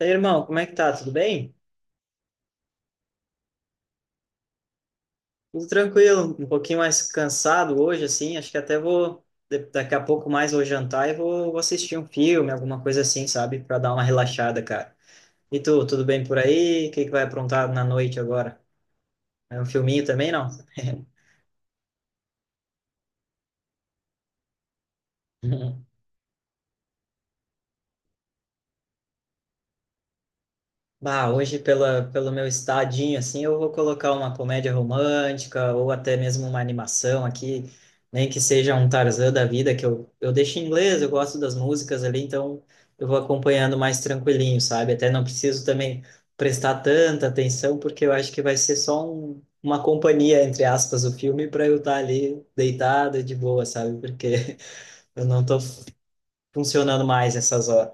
E aí, irmão, como é que tá? Tudo bem? Tudo tranquilo, um pouquinho mais cansado hoje, assim. Acho que até vou, daqui a pouco mais vou jantar e vou assistir um filme, alguma coisa assim, sabe? Pra dar uma relaxada, cara. E tu, tudo bem por aí? O que que vai aprontar na noite agora? É um filminho também, não? Bah, hoje, pelo meu estadinho, assim, eu vou colocar uma comédia romântica ou até mesmo uma animação aqui, nem que seja um Tarzan da vida, que eu deixo em inglês, eu gosto das músicas ali, então eu vou acompanhando mais tranquilinho, sabe? Até não preciso também prestar tanta atenção, porque eu acho que vai ser só uma companhia, entre aspas, o filme, para eu estar ali deitado de boa, sabe? Porque eu não estou funcionando mais essas horas,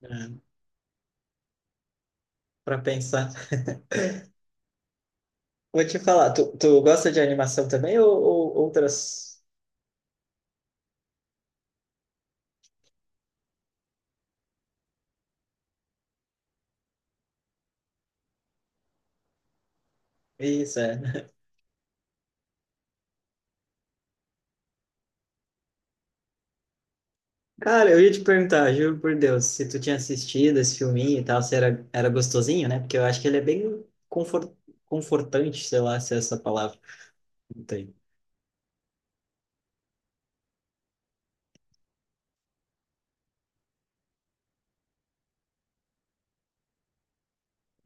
né, para pensar. Vou te falar, tu gosta de animação também ou outras? Isso, é. Cara, eu ia te perguntar, juro por Deus, se tu tinha assistido esse filminho e tal, se era gostosinho, né? Porque eu acho que ele é bem confortante, sei lá se é essa palavra. Não tem.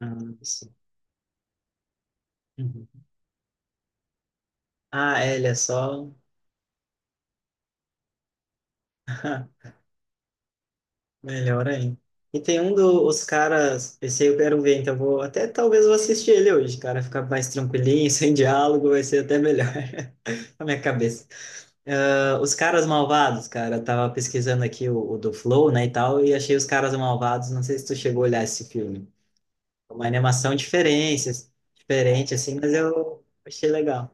Ah, sim. Uhum. Ah, é, ele é só. Melhor ainda. E tem um dos caras, esse aí eu quero ver, então eu vou até talvez eu vou assistir ele hoje, cara, ficar mais tranquilinho, sem diálogo, vai ser até melhor na minha cabeça. Ah, os caras malvados, cara, eu tava pesquisando aqui o do Flow, né, e tal, e achei os caras malvados. Não sei se tu chegou a olhar esse filme. É uma animação diferente, diferente assim, mas eu achei legal.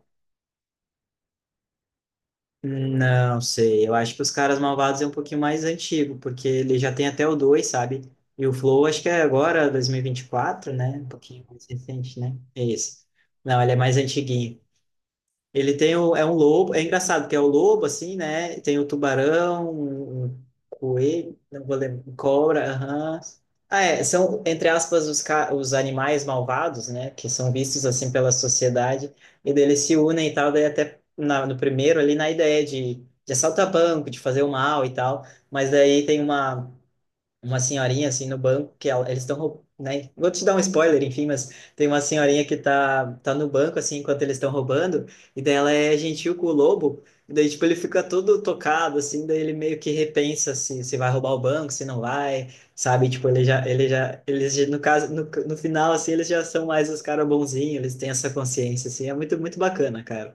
Não sei, eu acho que os caras malvados é um pouquinho mais antigo, porque ele já tem até o dois, sabe? E o Flow acho que é agora dois mil e vinte e quatro, né? Um pouquinho mais recente, né? É isso. Não, ele é mais antiguinho. Ele tem o, é um lobo, é engraçado que é o lobo assim, né? Tem o tubarão, um coelho, não vou lembrar, cobra, aham. Ah, é, são entre aspas os, os animais malvados, né? Que são vistos assim pela sociedade e daí eles se unem e tal, daí até no primeiro ali na ideia de assaltar banco, de fazer o mal e tal, mas daí tem uma senhorinha assim no banco que ela, eles estão, né? Vou te dar um spoiler, enfim, mas tem uma senhorinha que tá no banco assim enquanto eles estão roubando e daí ela é gentil com o lobo. E daí tipo ele fica todo tocado assim, daí ele meio que repensa se vai roubar o banco, se não vai, sabe? Tipo no caso no final assim eles já são mais os caras bonzinhos, eles têm essa consciência assim, é muito muito bacana, cara.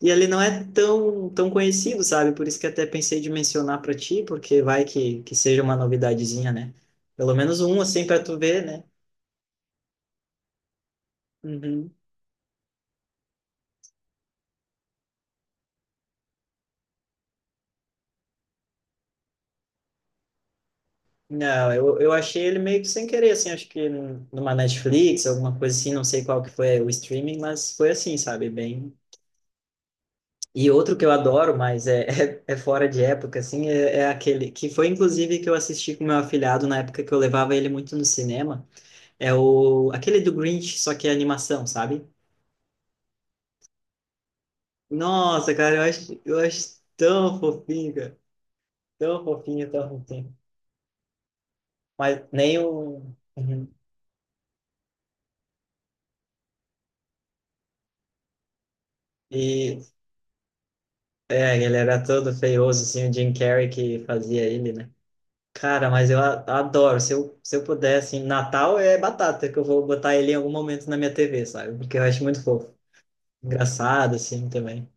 E ele não é tão, tão conhecido, sabe? Por isso que até pensei de mencionar para ti, porque vai que seja uma novidadezinha, né? Pelo menos um, assim, para tu ver, né? Uhum. Não, eu achei ele meio que sem querer, assim, acho que numa Netflix, alguma coisa assim, não sei qual que foi é, o streaming, mas foi assim, sabe? Bem. E outro que eu adoro, mas é, é fora de época, assim, é aquele que foi inclusive que eu assisti com meu afilhado na época que eu levava ele muito no cinema, é o aquele do Grinch, só que é animação, sabe? Nossa, cara, eu acho tão fofinho, cara. Tão fofinho, tão fofinho. Mas nem o. Uhum. E é, ele era todo feioso, assim, o Jim Carrey que fazia ele, né? Cara, mas eu adoro. Se eu puder, assim, Natal é batata, que eu vou botar ele em algum momento na minha TV, sabe? Porque eu acho muito fofo. Engraçado, assim, também.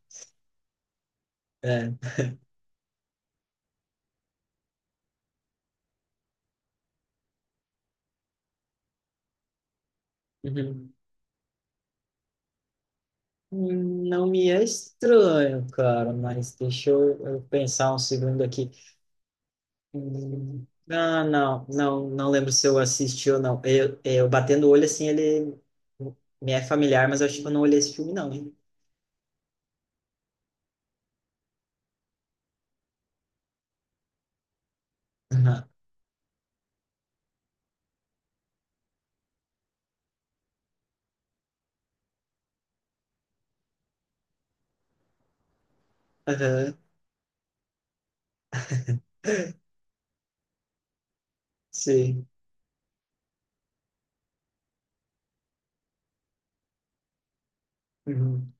É. Uhum. Não me é estranho, cara, mas deixa eu pensar um segundo aqui. Hum, Ah, não lembro se eu assisti ou não. Eu batendo o olho assim, ele me é familiar, mas eu acho que eu não olhei esse filme, não, hein? Aham, aham, sim. Uhum.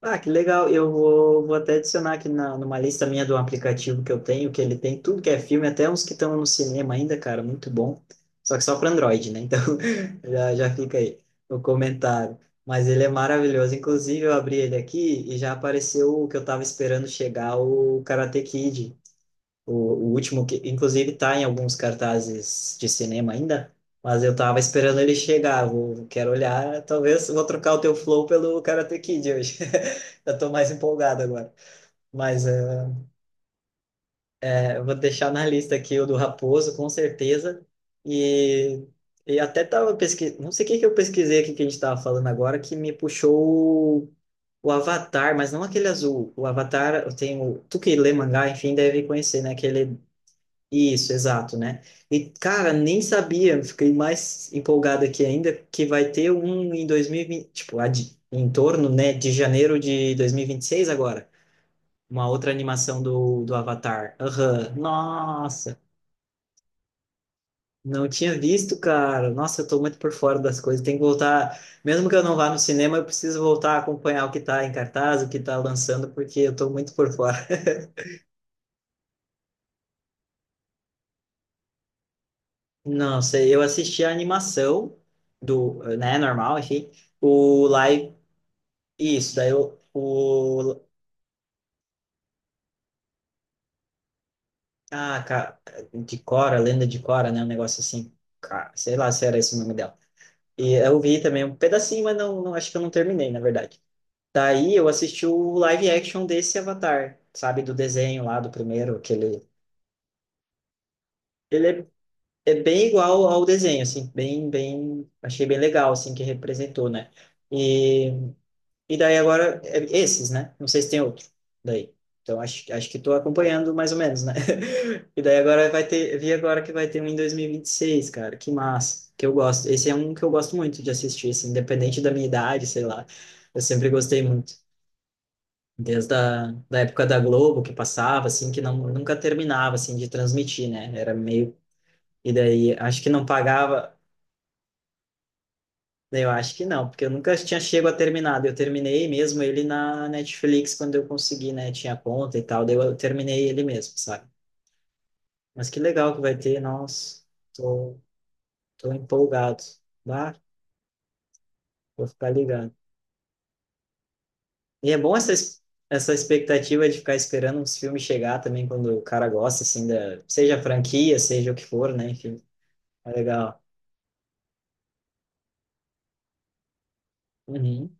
Ah, que legal. Vou até adicionar aqui numa lista minha do aplicativo que eu tenho, que ele tem tudo que é filme, até uns que estão no cinema ainda, cara, muito bom. Só que só para Android, né? Então já fica aí o comentário. Mas ele é maravilhoso. Inclusive, eu abri ele aqui e já apareceu o que eu estava esperando chegar, o Karate Kid. O, o último que, inclusive, tá em alguns cartazes de cinema ainda, mas eu tava esperando ele chegar. Vou, quero olhar, talvez vou trocar o teu flow pelo Karate Kid hoje. Eu tô mais empolgado agora. Mas eu vou deixar na lista aqui o do Raposo, com certeza. E, e até tava pesquisando, não sei o que que eu pesquisei aqui que a gente tava falando agora, que me puxou o Avatar, mas não aquele azul. O Avatar, eu tenho. Tu que lê mangá, enfim, deve conhecer, né? Aquele isso, exato, né? E, cara, nem sabia, fiquei mais empolgado aqui ainda, que vai ter um em 2020, tipo, em torno, né, de janeiro de 2026 agora, uma outra animação do Avatar. Aham, nossa, não tinha visto, cara. Nossa, eu tô muito por fora das coisas, tem que voltar, mesmo que eu não vá no cinema, eu preciso voltar a acompanhar o que tá em cartaz, o que tá lançando, porque eu tô muito por fora. Não sei, eu assisti a animação do, né, normal, enfim, o live isso, daí o ah, cara, de Cora, Lenda de Cora, né, um negócio assim. Cara, sei lá se era esse o nome dela. E eu vi também um pedacinho, mas não, não acho que eu não terminei, na verdade. Daí eu assisti o live action desse Avatar, sabe, do desenho lá do primeiro, aquele ele é, é bem igual ao desenho, assim, bem bem, achei bem legal assim que representou, né? E e daí agora, é esses, né? Não sei se tem outro daí. Então, acho que estou acompanhando mais ou menos, né? E daí agora vai ter, vi agora que vai ter um em 2026, cara. Que massa, que eu gosto. Esse é um que eu gosto muito de assistir, assim, independente da minha idade, sei lá. Eu sempre gostei muito. Desde a da época da Globo, que passava, assim, que não, nunca terminava, assim, de transmitir, né? Era meio... E daí, acho que não pagava... Eu acho que não, porque eu nunca tinha chego a terminar. Eu terminei mesmo ele na Netflix quando eu consegui, né? Tinha conta e tal, daí eu terminei ele mesmo, sabe? Mas que legal que vai ter, nossa, tô, tô empolgado. Ah, vou ficar ligado. E é bom essa, essa expectativa de ficar esperando uns filmes chegar também quando o cara gosta, assim, da, seja a franquia, seja o que for, né? Enfim, é legal. Uhum.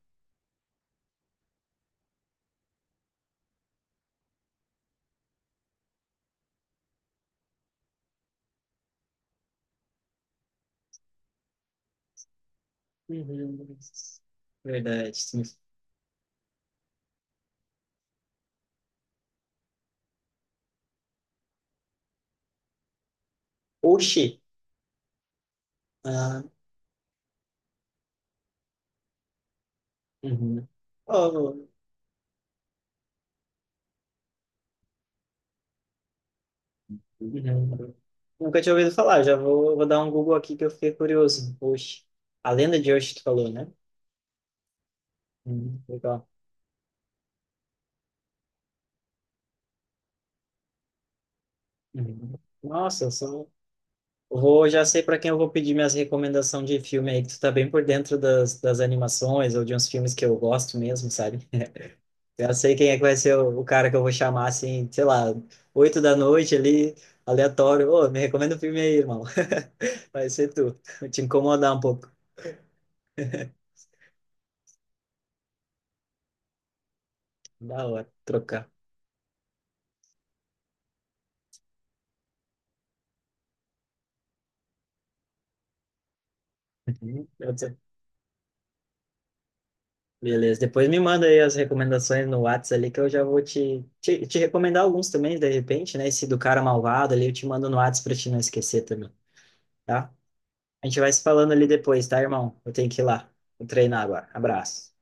Uhum. Verdade. Sim. Oxi! Ah, uhum. Oh, uhum. Nunca tinha ouvido falar, vou dar um Google aqui que eu fiquei curioso. Oxe, a lenda de Oxe, tu falou, né? Uhum, legal. Uhum. Nossa, eu sou... vou, já sei para quem eu vou pedir minhas recomendações de filme aí, que tu tá bem por dentro das, das animações ou de uns filmes que eu gosto mesmo, sabe? Eu sei quem é que vai ser o cara que eu vou chamar, assim, sei lá, 8 da noite ali, aleatório. Ô, me recomenda o filme aí, irmão. Vai ser tu. Vou te incomodar um pouco. Da hora, trocar. Uhum. Beleza, depois me manda aí as recomendações no Whats ali que eu já vou te recomendar alguns também, de repente, né? Esse do cara malvado ali eu te mando no Whats pra te não esquecer também, tá? A gente vai se falando ali depois, tá, irmão? Eu tenho que ir lá. Vou treinar agora. Abraço.